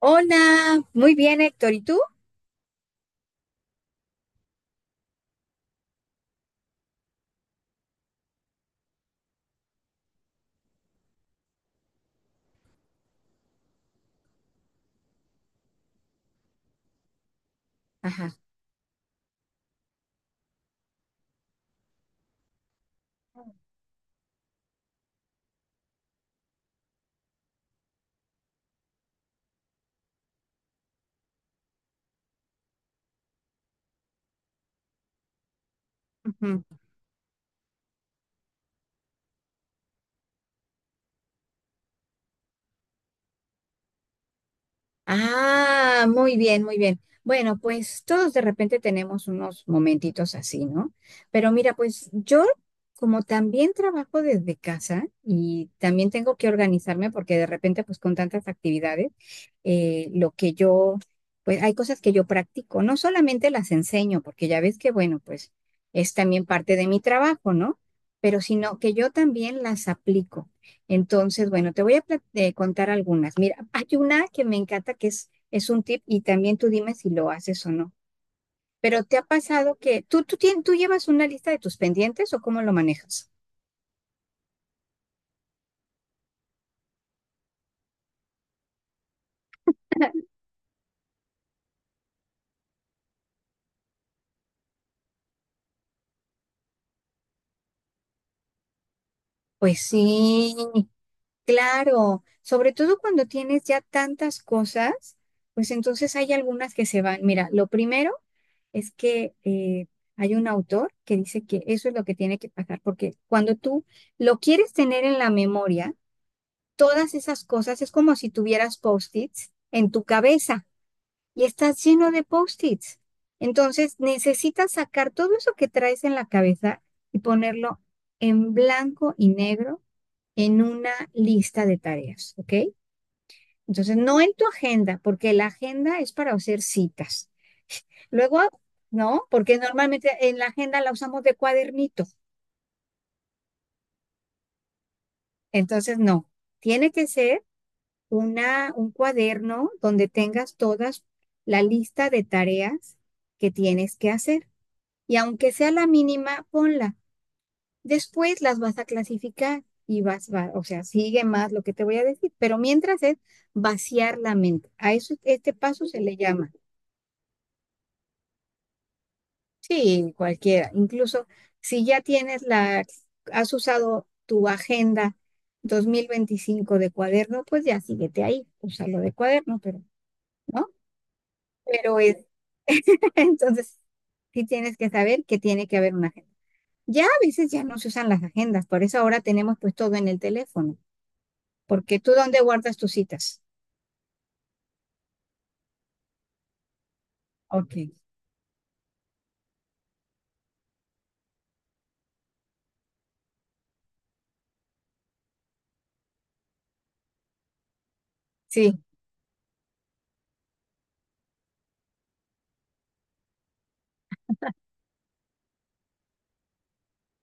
Hola, muy bien, Héctor. ¿Y tú? Ajá. Ujú. Ah, muy bien, muy bien. Bueno, pues todos de repente tenemos unos momentitos así, ¿no? Pero mira, pues yo como también trabajo desde casa y también tengo que organizarme porque de repente pues con tantas actividades, lo que yo, pues hay cosas que yo practico, no solamente las enseño, porque ya ves que bueno, pues es también parte de mi trabajo, ¿no? Pero sino que yo también las aplico. Entonces, bueno, te voy a contar algunas. Mira, hay una que me encanta que es un tip y también tú dime si lo haces o no. Pero ¿te ha pasado que tú llevas una lista de tus pendientes o cómo lo manejas? Pues sí, claro. Sobre todo cuando tienes ya tantas cosas, pues entonces hay algunas que se van. Mira, lo primero es que hay un autor que dice que eso es lo que tiene que pasar, porque cuando tú lo quieres tener en la memoria, todas esas cosas es como si tuvieras post-its en tu cabeza y estás lleno de post-its. Entonces necesitas sacar todo eso que traes en la cabeza y ponerlo en blanco y negro en una lista de tareas, ¿ok? Entonces no en tu agenda, porque la agenda es para hacer citas. Luego, no, porque normalmente en la agenda la usamos de cuadernito. Entonces, no, tiene que ser un cuaderno donde tengas todas la lista de tareas que tienes que hacer. Y aunque sea la mínima, ponla. Después las vas a clasificar y o sea, sigue más lo que te voy a decir. Pero mientras es vaciar la mente. A eso, este paso se le llama. Sí, cualquiera. Incluso si ya tienes has usado tu agenda 2025 de cuaderno, pues ya síguete ahí. Úsalo de cuaderno, pero, ¿no? pero es, entonces sí tienes que saber que tiene que haber una agenda. Ya a veces ya no se usan las agendas, por eso ahora tenemos pues todo en el teléfono, porque tú dónde guardas tus citas. Ok, sí,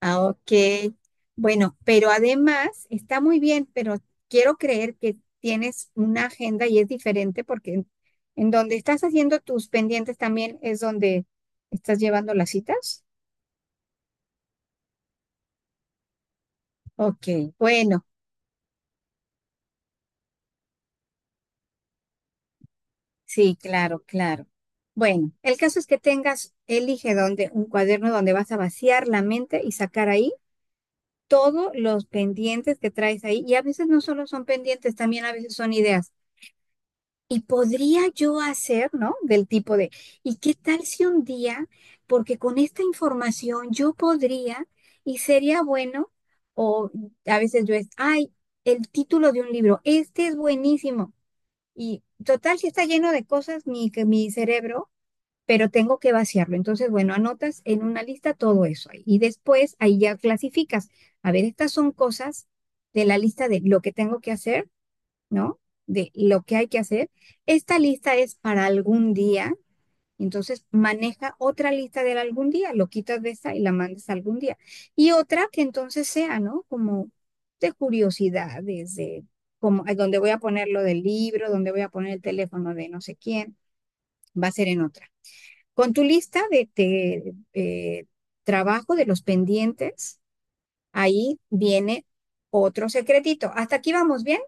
ah, ok. Bueno, pero además está muy bien, pero quiero creer que tienes una agenda y es diferente porque en donde estás haciendo tus pendientes también es donde estás llevando las citas. Ok, bueno. Sí, claro, claro. Bueno, el caso es que tengas, elige donde, un cuaderno donde vas a vaciar la mente y sacar ahí todos los pendientes que traes ahí. Y a veces no solo son pendientes, también a veces son ideas. Y podría yo hacer, ¿no? Del tipo de, ¿y qué tal si un día, porque con esta información yo podría y sería bueno, o a veces yo es, ay, el título de un libro, este es buenísimo. Y total, si está lleno de cosas, que mi cerebro pero tengo que vaciarlo. Entonces, bueno, anotas en una lista todo eso ahí. Y después ahí ya clasificas. A ver, estas son cosas de la lista de lo que tengo que hacer, ¿no? De lo que hay que hacer. Esta lista es para algún día. Entonces, maneja otra lista del algún día, lo quitas de esta y la mandas a algún día. Y otra que entonces sea, ¿no? Como de curiosidades, de como donde voy a poner lo del libro, donde voy a poner el teléfono de no sé quién, va a ser en otra. Con tu lista de trabajo de los pendientes, ahí viene otro secretito. ¿Hasta aquí vamos bien?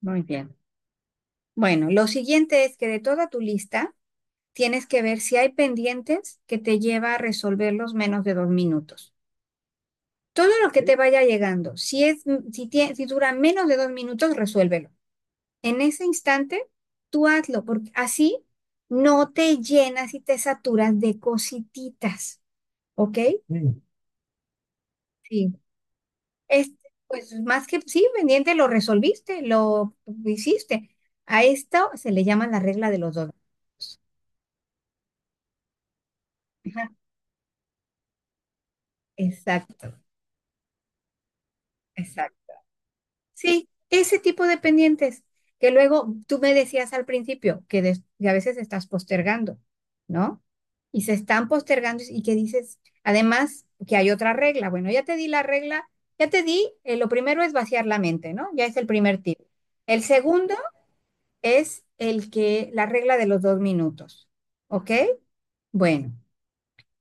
Muy bien. Bueno, lo siguiente es que de toda tu lista tienes que ver si hay pendientes que te lleva a resolverlos menos de 2 minutos. Todo lo que te vaya llegando, si, es, si, tie- si dura menos de 2 minutos, resuélvelo. En ese instante, tú hazlo, porque así no te llenas y te saturas de cosititas, ¿ok? Mm. Sí. Este, pues más que sí, pendiente, lo resolviste, lo hiciste. A esto se le llama la regla de los dos grados. Ajá, exacto, exacto. Sí, ese tipo de pendientes que, luego tú me decías al principio que a veces estás postergando, ¿no? Y se están postergando y que dices, además, que hay otra regla. Bueno, ya te di la regla, lo primero es vaciar la mente, ¿no? Ya es el primer tip. El segundo es la regla de los 2 minutos. ¿Ok? Bueno,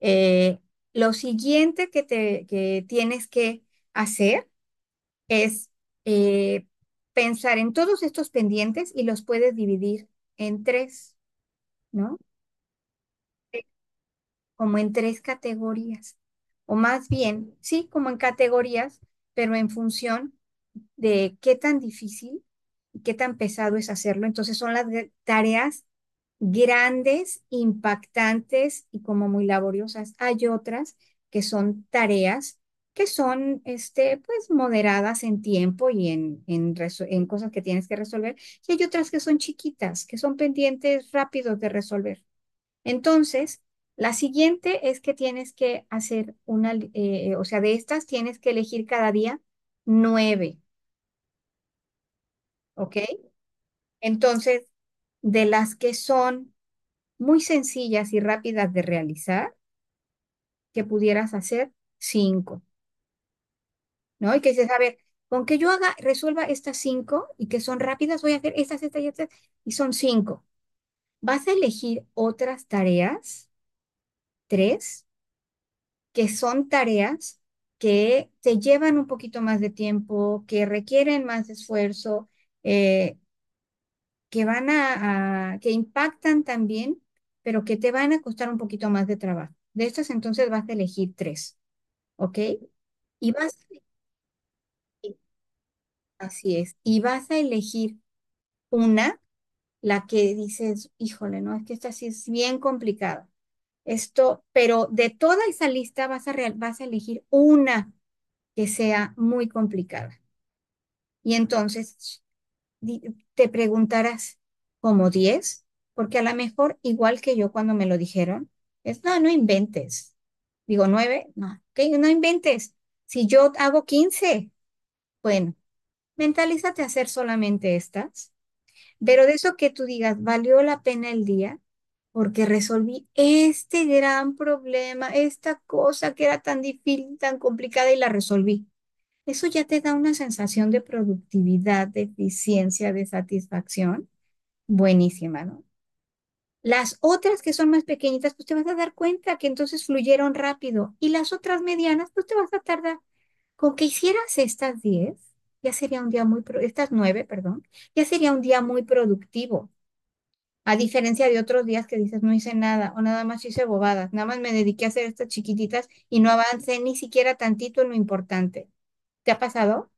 eh, lo siguiente que tienes que hacer es eh, pensar en todos estos pendientes y los puedes dividir en tres, ¿no? Como en tres categorías. O más bien, sí, como en categorías, pero en función de qué tan difícil qué tan pesado es hacerlo. Entonces son las tareas grandes, impactantes y como muy laboriosas. Hay otras que son tareas que son, pues, moderadas en tiempo y en cosas que tienes que resolver. Y hay otras que son chiquitas, que son pendientes rápidos de resolver. Entonces, la siguiente es que tienes que hacer o sea, de estas tienes que elegir cada día nueve, ¿ok? Entonces, de las que son muy sencillas y rápidas de realizar, que pudieras hacer cinco, ¿no? Y que dices, a ver, con que yo haga, resuelva estas cinco y que son rápidas, voy a hacer estas, estas y estas, y son cinco. Vas a elegir otras tareas, tres, que son tareas que te llevan un poquito más de tiempo, que requieren más esfuerzo, eh, que que impactan también, pero que te van a costar un poquito más de trabajo. De estas entonces vas a elegir tres, ¿ok? Y vas a elegir- Así es, y vas a elegir una, la que dices, híjole, no, es que esta sí es bien complicada. Esto, pero de toda esa lista vas a elegir una que sea muy complicada. Y entonces di- te preguntarás, ¿como 10? Porque a lo mejor, igual que yo cuando me lo dijeron, no, no inventes. Digo, 9 no, que no inventes. Si yo hago 15 bueno, mentalízate a hacer solamente estas, pero de eso que tú digas, valió la pena el día porque resolví este gran problema, esta cosa que era tan difícil, tan complicada y la resolví. Eso ya te da una sensación de productividad, de eficiencia, de satisfacción buenísima, ¿no? Las otras que son más pequeñitas, pues te vas a dar cuenta que entonces fluyeron rápido. Y las otras medianas, pues te vas a tardar. Con que hicieras estas 10, ya sería un día muy, estas 9, perdón, ya sería un día muy productivo. A diferencia de otros días que dices, no hice nada o nada más hice bobadas, nada más me dediqué a hacer estas chiquititas y no avancé ni siquiera tantito en lo importante. ¿Te ha pasado?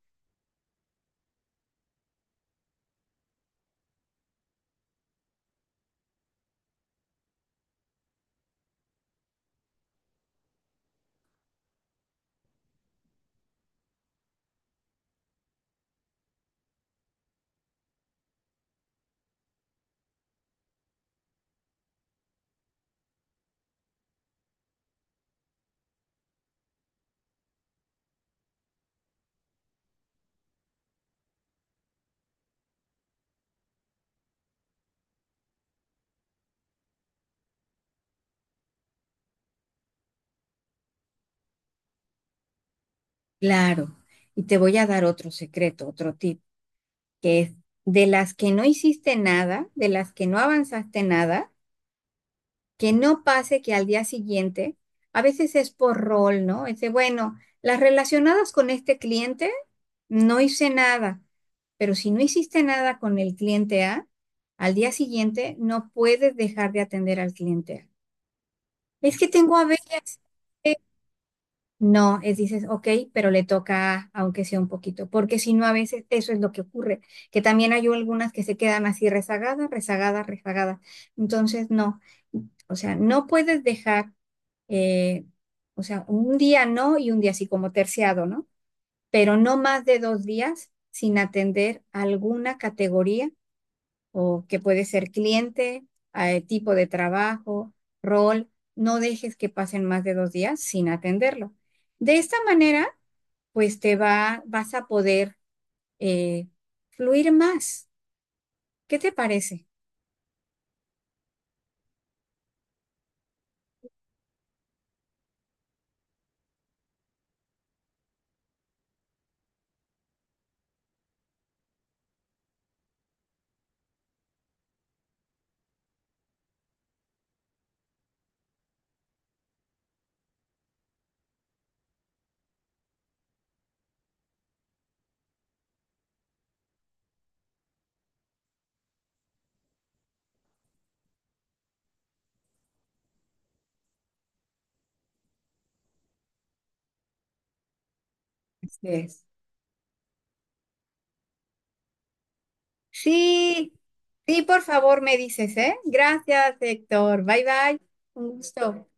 Claro. Y te voy a dar otro secreto, otro tip. Que es de las que no hiciste nada, de las que no avanzaste nada, que no pase que al día siguiente, a veces es por rol, ¿no? Es de, bueno, las relacionadas con este cliente, no hice nada, pero si no hiciste nada con el cliente A, al día siguiente no puedes dejar de atender al cliente A. Es que tengo a veces No, es dices, ok, pero le toca, aunque sea un poquito, porque si no, a veces eso es lo que ocurre, que también hay algunas que se quedan así rezagadas, rezagadas, rezagadas. Entonces, no, o sea, no puedes dejar, eh, o sea, un día no y un día así como terciado, ¿no? Pero no más de 2 días sin atender alguna categoría o que puede ser cliente, tipo de trabajo, rol, no dejes que pasen más de 2 días sin atenderlo. De esta manera pues vas a poder eh, fluir más. ¿Qué te parece? Así es. Sí, sí, por favor me dices, ¿eh? Gracias, Héctor. Bye bye. Un gusto.